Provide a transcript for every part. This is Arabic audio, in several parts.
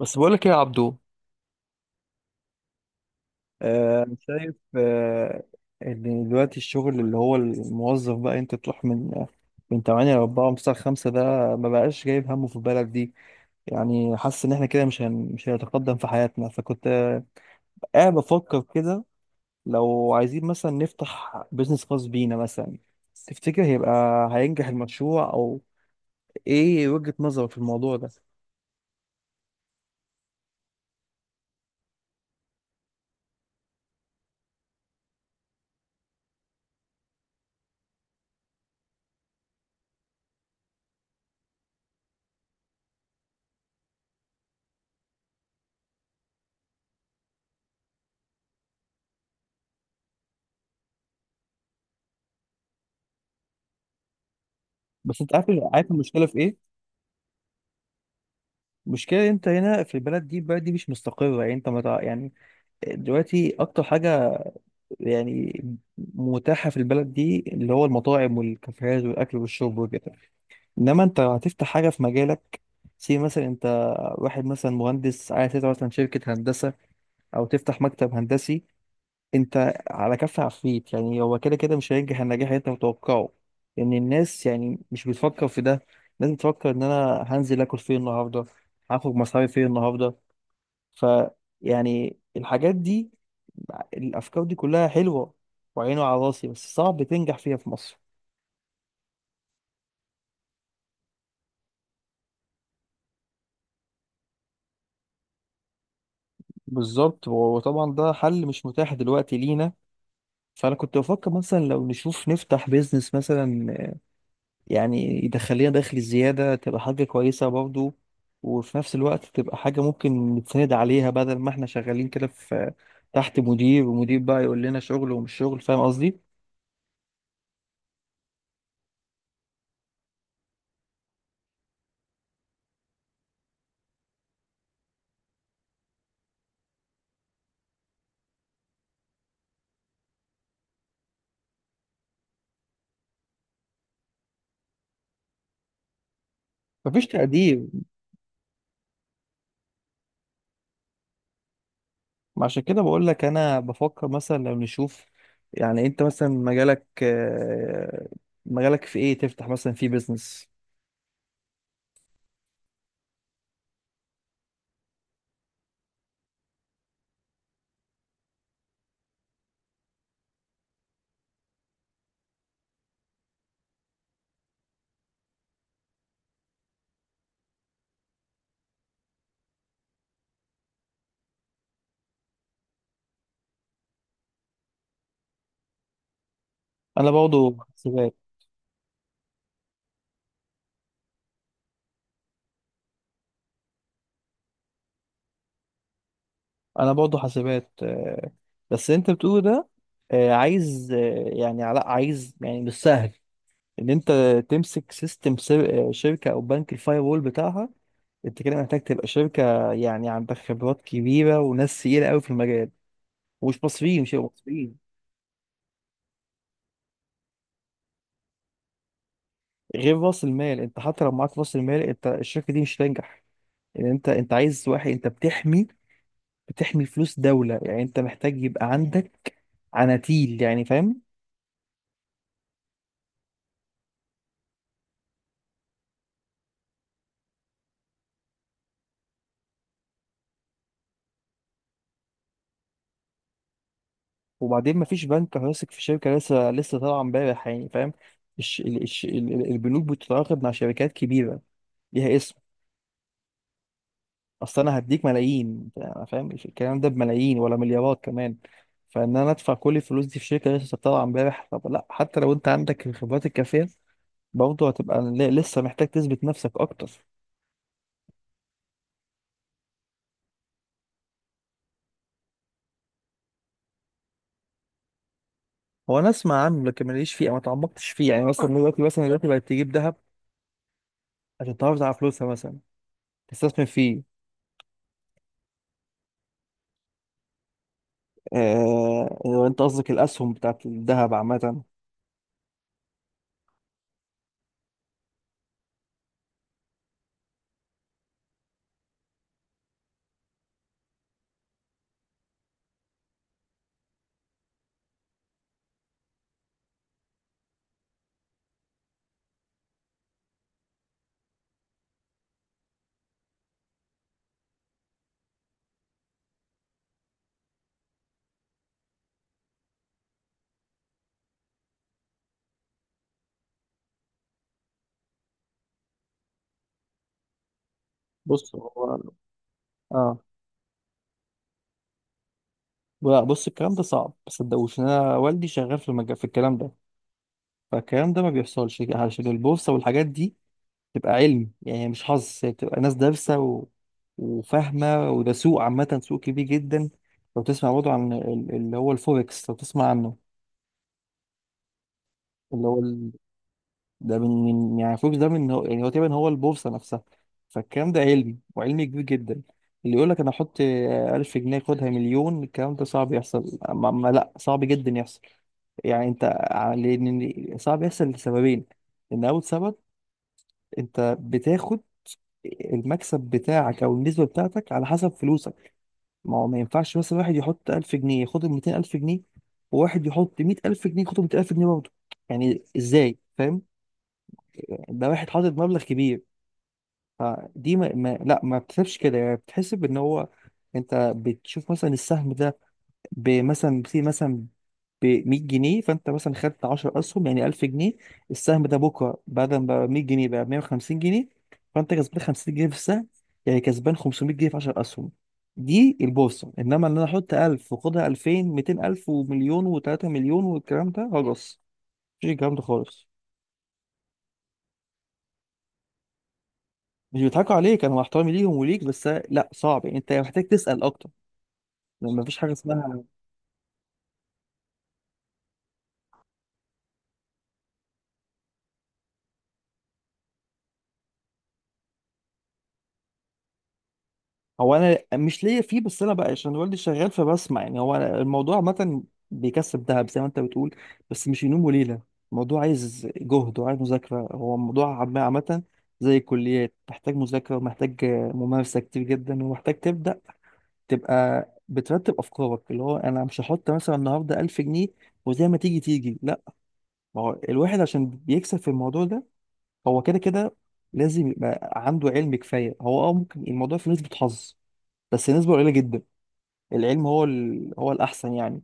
بس بقولك ايه يا عبدو، أنا شايف، إن دلوقتي الشغل اللي هو الموظف بقى أنت تروح من 8 ل 4 ومن 9 ل 5، ده ما بقاش جايب همه في البلد دي. يعني حاسس إن إحنا كده مش هنتقدم في حياتنا، فكنت قاعد بفكر كده، لو عايزين مثلا نفتح بيزنس خاص بينا مثلا، تفتكر هينجح المشروع؟ أو إيه وجهة نظرك في الموضوع ده؟ بس أنت عارف. عارف المشكلة في إيه؟ المشكلة أنت هنا في البلد دي البلد دي مش مستقرة، يعني أنت ما تع- يعني دلوقتي اكتر حاجه يعني متاحه في البلد دي اللي هو المطاعم والكافيهات والاكل والشرب وكده، انما انت هتفتح حاجه في مجالك. سي، مثلا انت واحد مثلا مهندس عايز تفتح مثلا شركه هندسه او تفتح مكتب هندسي، انت على كف عفريت. يعني هو كده كده مش هينجح النجاح اللي انت متوقعه، لان الناس يعني مش بتفكر في ده. الناس بتفكر ان انا هنزل اكل فين النهارده، هاخد مصاري فين النهارده. ف يعني الحاجات دي، الافكار دي كلها حلوه وعينه على راسي، بس صعب تنجح فيها في مصر. بالظبط. وطبعا ده حل مش متاح دلوقتي لينا. فانا كنت بفكر مثلا لو نشوف نفتح بيزنس مثلا، يعني يدخل لنا دخل زياده، تبقى حاجه كويسه برضو، وفي نفس الوقت تبقى حاجه ممكن نتسند عليها، بدل ما احنا شغالين كده في تحت مدير، ومدير بقى يقول لنا شغل ومش شغل، فاهم قصدي؟ مفيش تقدير. ما عشان كده بقول لك انا بفكر مثلا لو نشوف، يعني انت مثلا مجالك، مجالك في ايه؟ تفتح مثلا في بيزنس؟ انا برضه حاسبات. انا برضه حاسبات، بس انت بتقول ده، عايز، يعني علاء عايز، يعني مش سهل ان انت تمسك سيستم شركه او بنك الفاير وول بتاعها. انت كده محتاج تبقى شركه، يعني عندك خبرات كبيره وناس تقيله قوي في المجال. ومش مصريين مش هيبقوا مصريين. غير راس المال، انت حتى لو معاك راس المال، انت الشركه دي مش هتنجح. يعني انت عايز واحد. انت بتحمي فلوس دوله، يعني انت محتاج يبقى عندك عناتيل، يعني فاهم. وبعدين مفيش بنك هيثق في شركه لسه لسه طالعه امبارح، يعني فاهم. البنوك بتتعاقد مع شركات كبيره ليها اسم. اصل انا هديك ملايين، أنا فاهم الكلام ده بملايين ولا مليارات كمان. فان انا ادفع كل الفلوس دي في شركه لسه طالعه امبارح؟ طب لا، حتى لو انت عندك الخبرات الكافيه، برضه هتبقى لسه محتاج تثبت نفسك اكتر. هو انا اسمع عنه، لكن ماليش فيه او ما تعمقتش فيه. يعني مثلا دلوقتي بقت تجيب ذهب عشان تحافظ على فلوسها، مثلا تستثمر فيه. لو انت قصدك الاسهم بتاعت الذهب عامه. بص هو. اه. لا، بص، الكلام ده صعب. ما تصدقوش، إن انا والدي شغال في الكلام ده. فالكلام ده ما بيحصلش. عشان البورصه والحاجات دي تبقى علم، يعني مش حظ، هي بتبقى ناس دارسة وفاهمة، وده سوق عامة، سوق كبير جدا. لو تسمع برضه عن اللي هو الفوركس، لو تسمع عنه، اللي هو ال... ده يعني الفوركس ده من هو، يعني هو تقريبا هو البورصة نفسها. فالكلام ده علمي، وعلمي كبير جدا. اللي يقول لك أنا أحط ألف جنيه خدها مليون، الكلام ده صعب يحصل، ما... ما لا، صعب جدا يحصل. يعني أنت لأن صعب يحصل لسببين. إن أول سبب، أنت بتاخد المكسب بتاعك او النسبه بتاعتك على حسب فلوسك. ما هو ما ينفعش مثلا واحد يحط 1000 جنيه ياخد ال 200000 جنيه، وواحد يحط 100000 جنيه ياخد 200000 جنيه برضه. يعني ازاي؟ فاهم؟ ده واحد حاطط مبلغ كبير. فدي ما, ما لا ما بتحسبش كده، يعني بتحسب ان هو، انت بتشوف مثلا السهم ده بمثلا في مثلا ب 100 جنيه، فانت مثلا خدت 10 اسهم، يعني 1000 جنيه. السهم ده بكره بعد ما بقى 100 جنيه بقى 150 جنيه، فانت كسبان 50 جنيه في السهم، يعني كسبان 500 جنيه في 10 اسهم. دي البورصه. انما ان انا احط 1000 واخدها 2000، 200000، ومليون، و3 مليون، والكلام ده هجص. مفيش الكلام ده خالص. مش بيضحكوا عليك. انا مع احترامي ليهم وليك، بس لا، صعب. يعني انت محتاج تسال اكتر، لان مفيش حاجه اسمها. هو انا مش ليا فيه، بس انا بقى عشان والدي شغال فبسمع. يعني هو، أنا الموضوع عامه بيكسب دهب زي ما انت بتقول، بس مش ينوم وليله. الموضوع عايز جهد وعايز مذاكره. هو الموضوع عامه زي الكليات، محتاج مذاكره ومحتاج ممارسه كتير جدا، ومحتاج تبدا تبقى بترتب افكارك. اللي هو انا مش هحط مثلا النهارده 1000 جنيه وزي ما تيجي تيجي، لا. ما هو الواحد عشان بيكسب في الموضوع ده، هو كده كده لازم يبقى عنده علم كفايه. هو اه، ممكن الموضوع في نسبه حظ، بس نسبة قليلة جدا. العلم هو هو الأحسن يعني.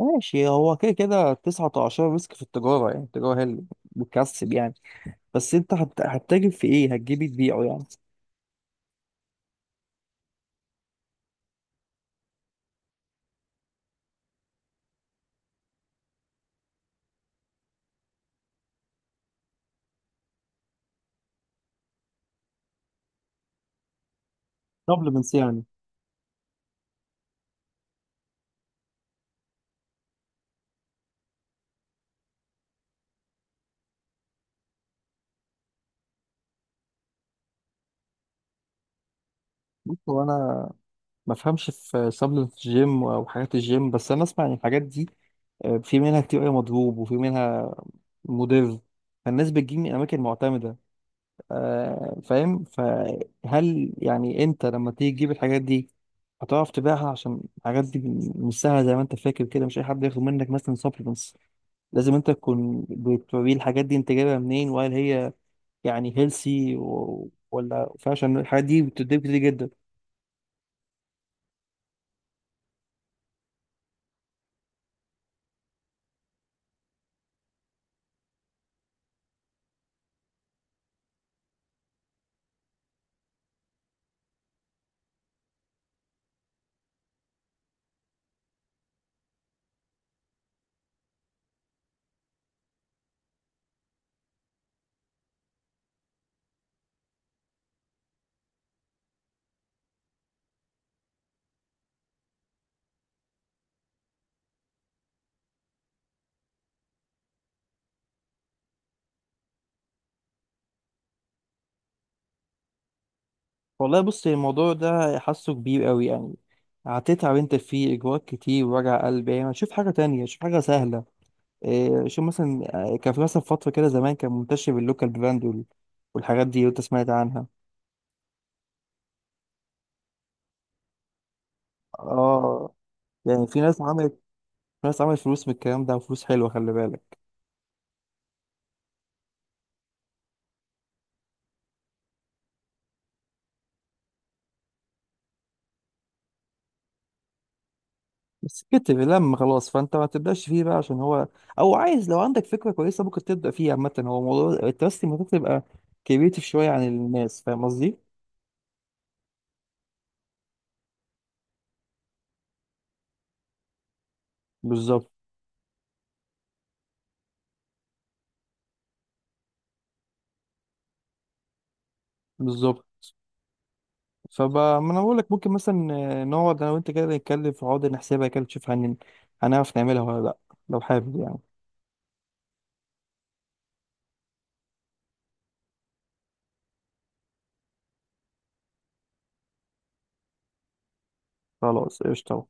ماشي. هو كده كده 19 مسك في التجارة، يعني التجارة هي اللي بتكسب. يعني بس أنت هتتاجر في إيه؟ هتجيبي تبيعه يعني؟ سبلمنتس يعني؟ بص هو أنا ما أفهمش في سبلمنتس الجيم أو حاجات الجيم، بس أنا أسمع إن الحاجات دي، في منها كتير أوي مضروب، وفي منها مضر. فالناس بتجيب من أماكن معتمدة، فاهم؟ فهل يعني انت لما تيجي تجيب الحاجات دي هتعرف تبيعها؟ عشان الحاجات دي مش سهله زي ما انت فاكر كده، مش اي حد ياخد منك مثلا سبلمنتس. لازم انت تكون بتوريه الحاجات دي انت جايبها منين، وهل هي يعني هيلسي ولا؟ فعشان الحاجات دي بتديك كتير جدا. والله بص، الموضوع ده حاسه كبير قوي يعني، هتتعب انت فيه، اجراءات كتير ووجع قلب يعني. شوف حاجه تانية، شوف حاجه سهله. شوف مثلا، كان في مثلا فترة كده زمان كان منتشر اللوكال براند والحاجات دي، لو انت سمعت عنها. اه. يعني في ناس عملت فلوس من الكلام ده، وفلوس حلوة، خلي بالك. بس كتر لما خلاص، فانت ما تبدأش فيه بقى عشان هو. او عايز، لو عندك فكرة كويسة ممكن تبدأ فيه. عامة هو موضوع التراست، المفروض تبقى كريتيف شوية عن الناس. فاهم قصدي؟ بالظبط. بالظبط، فبقى ما انا بقول لك، ممكن مثلا، نقعد انا وانت كده نتكلم في عقد نحسبها كده، نشوف هنعرف نعملها ولا لا، لو حابب يعني. خلاص قشطة.